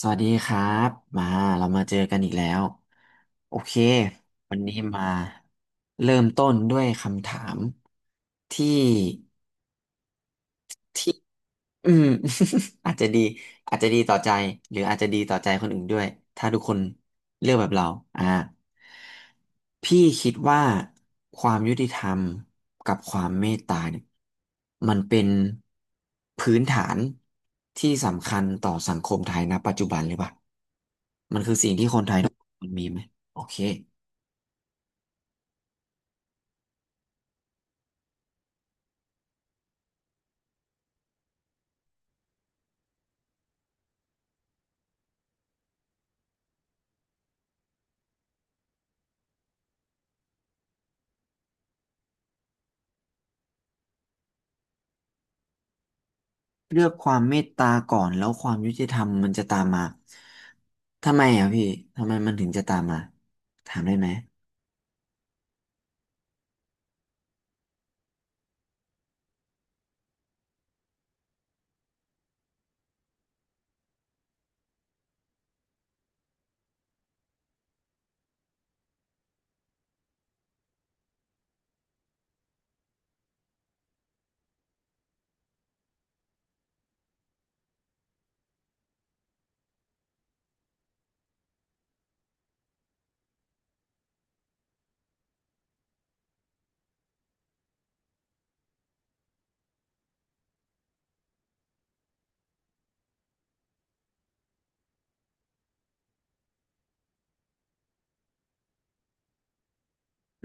สวัสดีครับมาเรามาเจอกันอีกแล้วโอเควันนี้มาเริ่มต้นด้วยคำถามที่ ที่อืม อาจจะดีอาจจะดีต่อใจหรืออาจจะดีต่อใจคนอื่นด้วยถ้าทุกคนเลือกแบบเราอ่าพี่คิดว่าความยุติธรรมกับความเมตตาเนี่ยมันเป็นพื้นฐานที่สำคัญต่อสังคมไทยณปัจจุบันหรือเปล่ามันคือสิ่งที่คนไทยทุกคนมีไหมโอเค เลือกความเมตตาก่อนแล้วความยุติธรรมมันจะตามมาทำไมอ่ะพี่ทำไมมันถึงจะตามมา ถามได้ไหม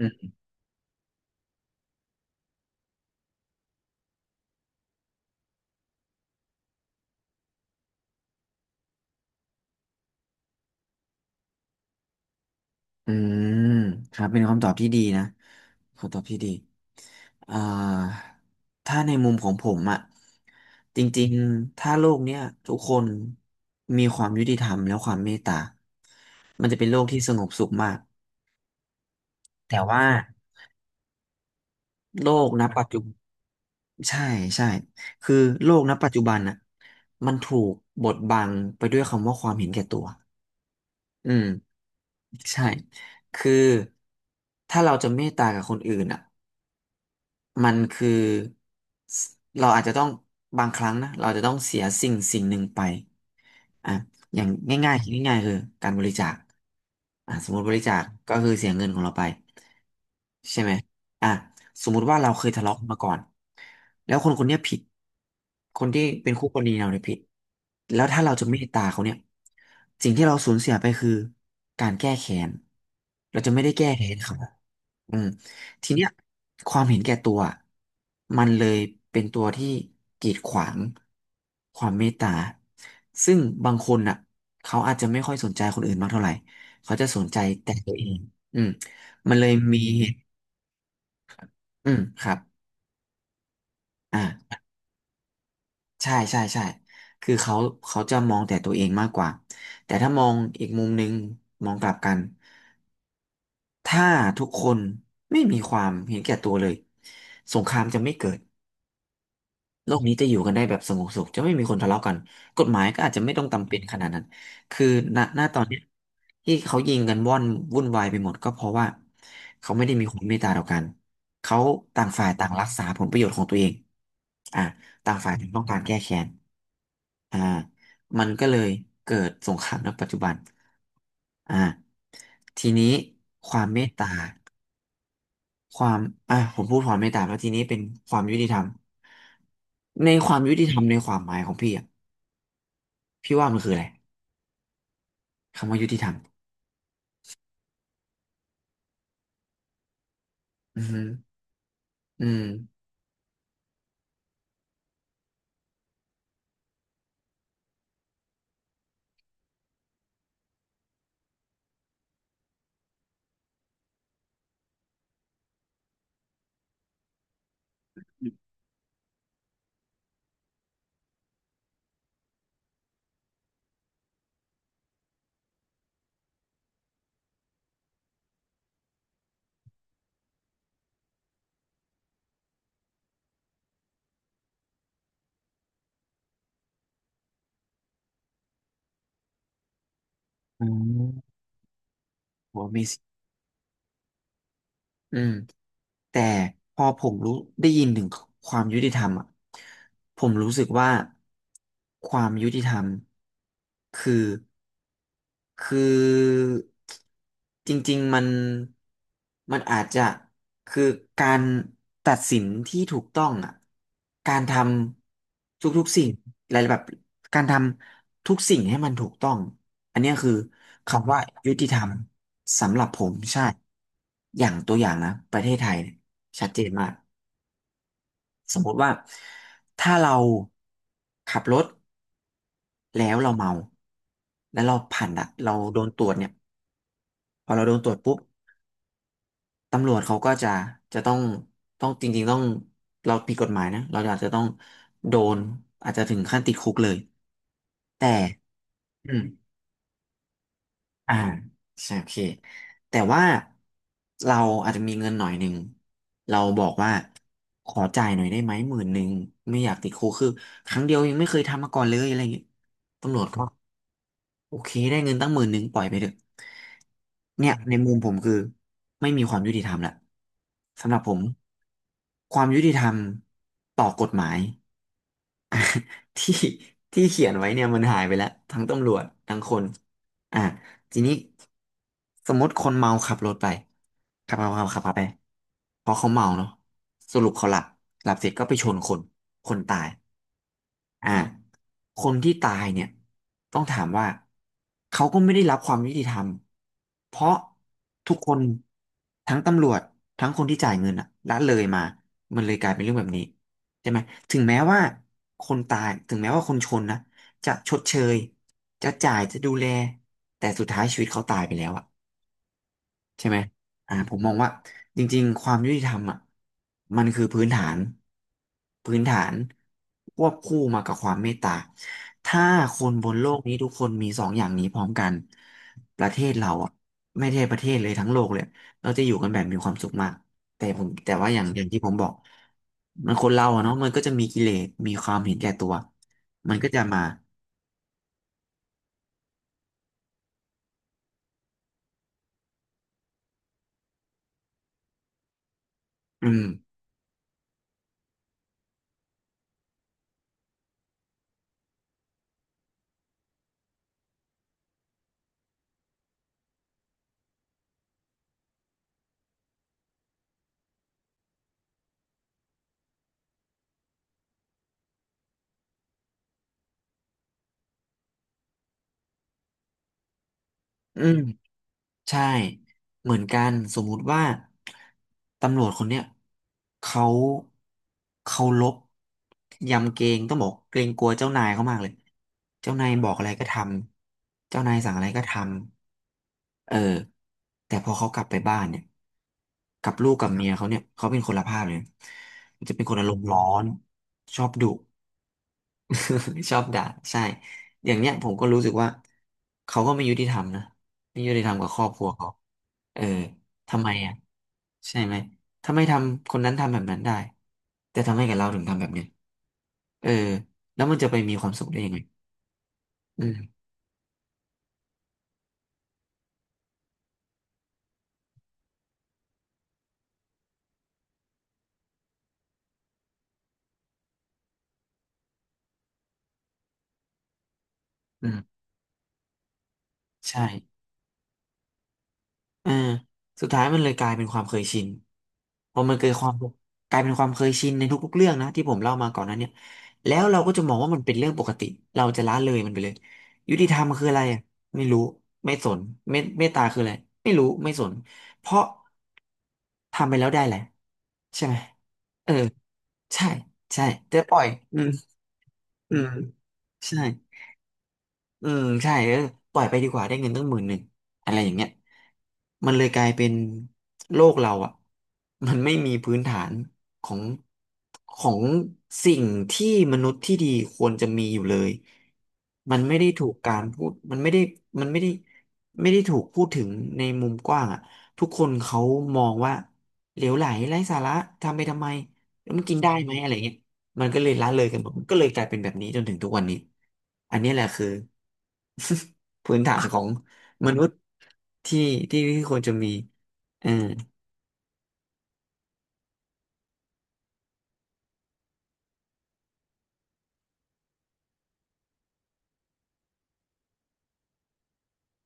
อืมอืมครับเป็นคำตอบที่ดีนะคำตอบที่ดีอ่าถ้าในมุมของผมอะจริงๆถ้าโลกเนี้ยทุกคนมีความยุติธรรมและความเมตตา มันจะเป็นโลกที่สงบสุขมาก แต่ว่าโลกณปัจจุ ใช่ใช่คือโลกณปัจจุบันน่ะมันถูกบดบังไปด้วยคำว่าความเห็นแก่ตัวอืมใช่คือถ้าเราจะเมตตากับคนอื่นอ่ะ มันคือสเราอาจจะต้องบางครั้งนะเราจะต้องเสียสิ่งสิ่งหนึ่งไปอ่ะอย่างง่ายๆคิดง่ายๆคือการบริจาคอ่ะสมมติบริจาคก็คือเสียเงินของเราไปใช่ไหมอ่ะสมมุติว่าเราเคยทะเลาะกันมาก่อนแล้วคนคนเนี้ยผิดคนที่เป็นคู่กรณีเราเนี่ยผิดแล้วถ้าเราจะเมตตาเขาเนี่ยสิ่งที่เราสูญเสียไปคือการแก้แค้นเราจะไม่ได้แก้แค้นเขาอืม ทีเนี้ยความเห็นแก่ตัวมันเลยเป็นตัวที่กีดขวางความเมตตาซึ่งบางคนน่ะเขาอาจจะไม่ค่อยสนใจคนอื่นมากเท่าไหร่เขาจะสนใจแต่ตัวเองอืมมันเลยมีเหตุครับอ่าใช่ใช่ใช่คือเขาจะมองแต่ตัวเองมากกว่าแต่ถ้ามองอีกมุมหนึ่งมองกลับกันถ้าทุกคนไม่มีความเห็นแก่ตัวเลยสงครามจะไม่เกิด โลกนี้จะอยู่กันได้แบบสงบสุขจะไม่มีคนทะเลาะกันกฎหมายก็อาจจะไม่ต้องจำเป็นขนาดนั้นคือณณตอนเนี้ยที่เขายิงกันว่อนวุ่นวายไปหมดก็เพราะว่าเขาไม่ได้มีความเมตตาต่อกันเขาต่างฝ่ายต่างรักษาผลประโยชน์ของตัวเองอ่าต่างฝ่ายต่างต้องการแก้แค้นอ่ามันก็เลยเกิดสงครามในปัจจุบันอ่าทีนี้ความเมตตา ความอ่ะผมพูดความเมตตาแล้วทีนี้เป็นความยุติธรรมในความยุติธรรมในความหมายของพี่อ่ะพี่ว่ามันคืออะไรคำว่ายุติธรรมอือฮึอืมอ๋อโห Amazing อืมแต่พอผมรู้ได้ยินถึงความยุติธรรมอ่ะผมรู้สึกว่าความยุติธรรมคือคือจริงๆมันมันอาจจะคือการตัดสินที่ถูกต้องอ่ะการทำทุกๆสิ่งอะไรแบบการทำทุกสิ่งให้มันถูกต้องอันเนี้ยคือคำว่ายุติธรรมสำหรับผมใช่ อย่างตัวอย่างนะประเทศไทยเนี่ยชัดเจนมากสมมติว่าถ้าเราขับรถแล้วเราเมาแล้วเราผ่านด่ะเราโดนตรวจเนี่ยพอเราโดนตรวจปุ๊บตำรวจเขาก็จะจะต้องต้องจริงๆต้องเราผิดกฎหมายนะเราอาจจะต้องโดนอาจจะถึงขั้นติดคุกเลยแต่อืม อ่าใช่โอเคแต่ว่าเราอาจจะมีเงินหน่อยหนึ่งเราบอกว่าขอจ่ายหน่อยได้ไหมหมื่นหนึ่งไม่อยากติดคุกคือครั้งเดียวยังไม่เคยทำมาก่อนเลยอะไรอย่างเงี้ยตำรวจก็โอเคได้เงินตั้งหมื่นหนึ่งปล่อยไปเถอะเนี่ยในมุมผมคือไม่มีความยุติธรรมละสำหรับผมความยุติธรรมต่อกฎหมาย ที่ ที่เขียนไว้เนี่ยมันหายไปแล้วทั้งตำรวจทั้งคนอ่ะทีนี้สมมติคนเมาขับรถไปขับขับไปเพราะเขาเมาเนาะสรุปเขาหลับหลับเสร็จก็ไปชนคนคนตาย อ่าคนที่ตายเนี่ยต้องถามว่าเขาก็ไม่ได้รับความยุติธรรมเพราะทุกคนทั้งตำรวจทั้งคนที่จ่ายเงินอะละเลยมามันเลยกลายเป็นเรื่องแบบนี้ใช่ไหมถึงแม้ว่าคนตายถึงแม้ว่าคนชนนะจะชดเชยจะจ่ายจะดูแลแต่สุดท้ายชีวิตเขาตายไปแล้วอะ ใช่ไหมผมมองว่าจริงๆความยุติธรรมอ่ะมันคือพื้นฐานพื้นฐานควบคู่มากับความเมตตาถ้าคนบนโลกนี้ทุกคนมีสองอย่างนี้พร้อมกันประเทศเราอ่ะไม่ใช่ประเทศเลยทั้งโลกเลยเราจะอยู่กันแบบมีความสุขมากแต่ผมแต่ว่าอย่างที่ผมบอกมันคนเราอะเนาะมันก็จะมีกิเลสมีความเห็นแก่ตัวมันก็จะมาอืมอืม ใช่เหมือนกันสมมุติว่าตำรวจคนเนี้ยเขาเขาลบยำเกรงต้องบอกเกรงกลัวเจ้านายเขามากเลยเจ้านายบอกอะไรก็ทำเจ้านายสั่งอะไรก็ทำเออแต่พอเขากลับไปบ้านเนี่ยกับลูกกับเมียเขาเนี่ยเขาเป็นคนละภาพเลยจะเป็นคนอารมณ์ร้อนชอบดุ ชอบด่าใช่อย่างเนี้ยผมก็รู้สึกว่าเขาก็ไม่ยุติธรรมนะไม่ยุติธรรมกับครอบครัวเขาเออทำไมอ่ะใช่ไหมถ้าไม่ทำคนนั้นทำแบบนั้นได้แต่ทำไมกับเราถึงทำแบบเนี้ยเออแล้วมันจะไปมีความสุขได้ยังไงอืมอืมใช่ อ่าสุดท้ายมันเลยกลายเป็นความเคยชินพอมันเกิดความกลายเป็นความเคยชินในทุกๆเรื่องนะที่ผมเล่ามาก่อนหนั้นเนี่ยแล้วเราก็จะมองว่ามันเป็นเรื่องปกติเราจะละเลยมันไปเลยยุติธรรมคืออะไรอะไม่รู้ไม่สนเมตเมตตาคืออะไรไม่รู้ไม่สนเพราะทำไปแล้วได้แหละไรใช่ไหมเออใช่ใช่จะปล่อยอืมอืมใช่ อืมใช่เออปล่อยไปดีกว่าได้เงินตั้ง10,000อะไรอย่างเงี้ยมันเลยกลายเป็นโลกเราอ่ะมันไม่มีพื้นฐานของของสิ่งที่มนุษย์ที่ดีควรจะมีอยู่เลยมันไม่ได้ถูกการพูดมันไม่ได้มันไม่ได้ไม่ได้ถูกพูดถึงในมุมกว้างอ่ะทุกคนเขามองว่าเหลวไหลไร้สาระทำไปทำไมแล้วมันกินได้ไหมอะไรเงี้ย มันก็เลยละเลยกันหมดมันก็เลยกลายเป็นแบบนี้จนถึงทุกวันนี้อันนี้แหละคือ พื้นฐานของมนุษย์ที่ที่ควรจะมีเออ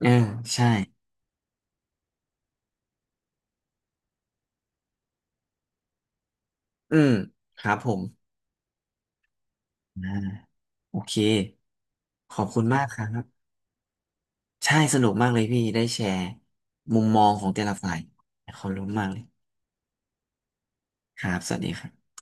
เออใช่อืมครับผมอ่าโอเคขอบคุณมากครับใช่สนุกมากเลยพี่ได้แชร์มุมมองของแต่ละฝ่ายขอบคุณมากเลยครับสวัสดีครับ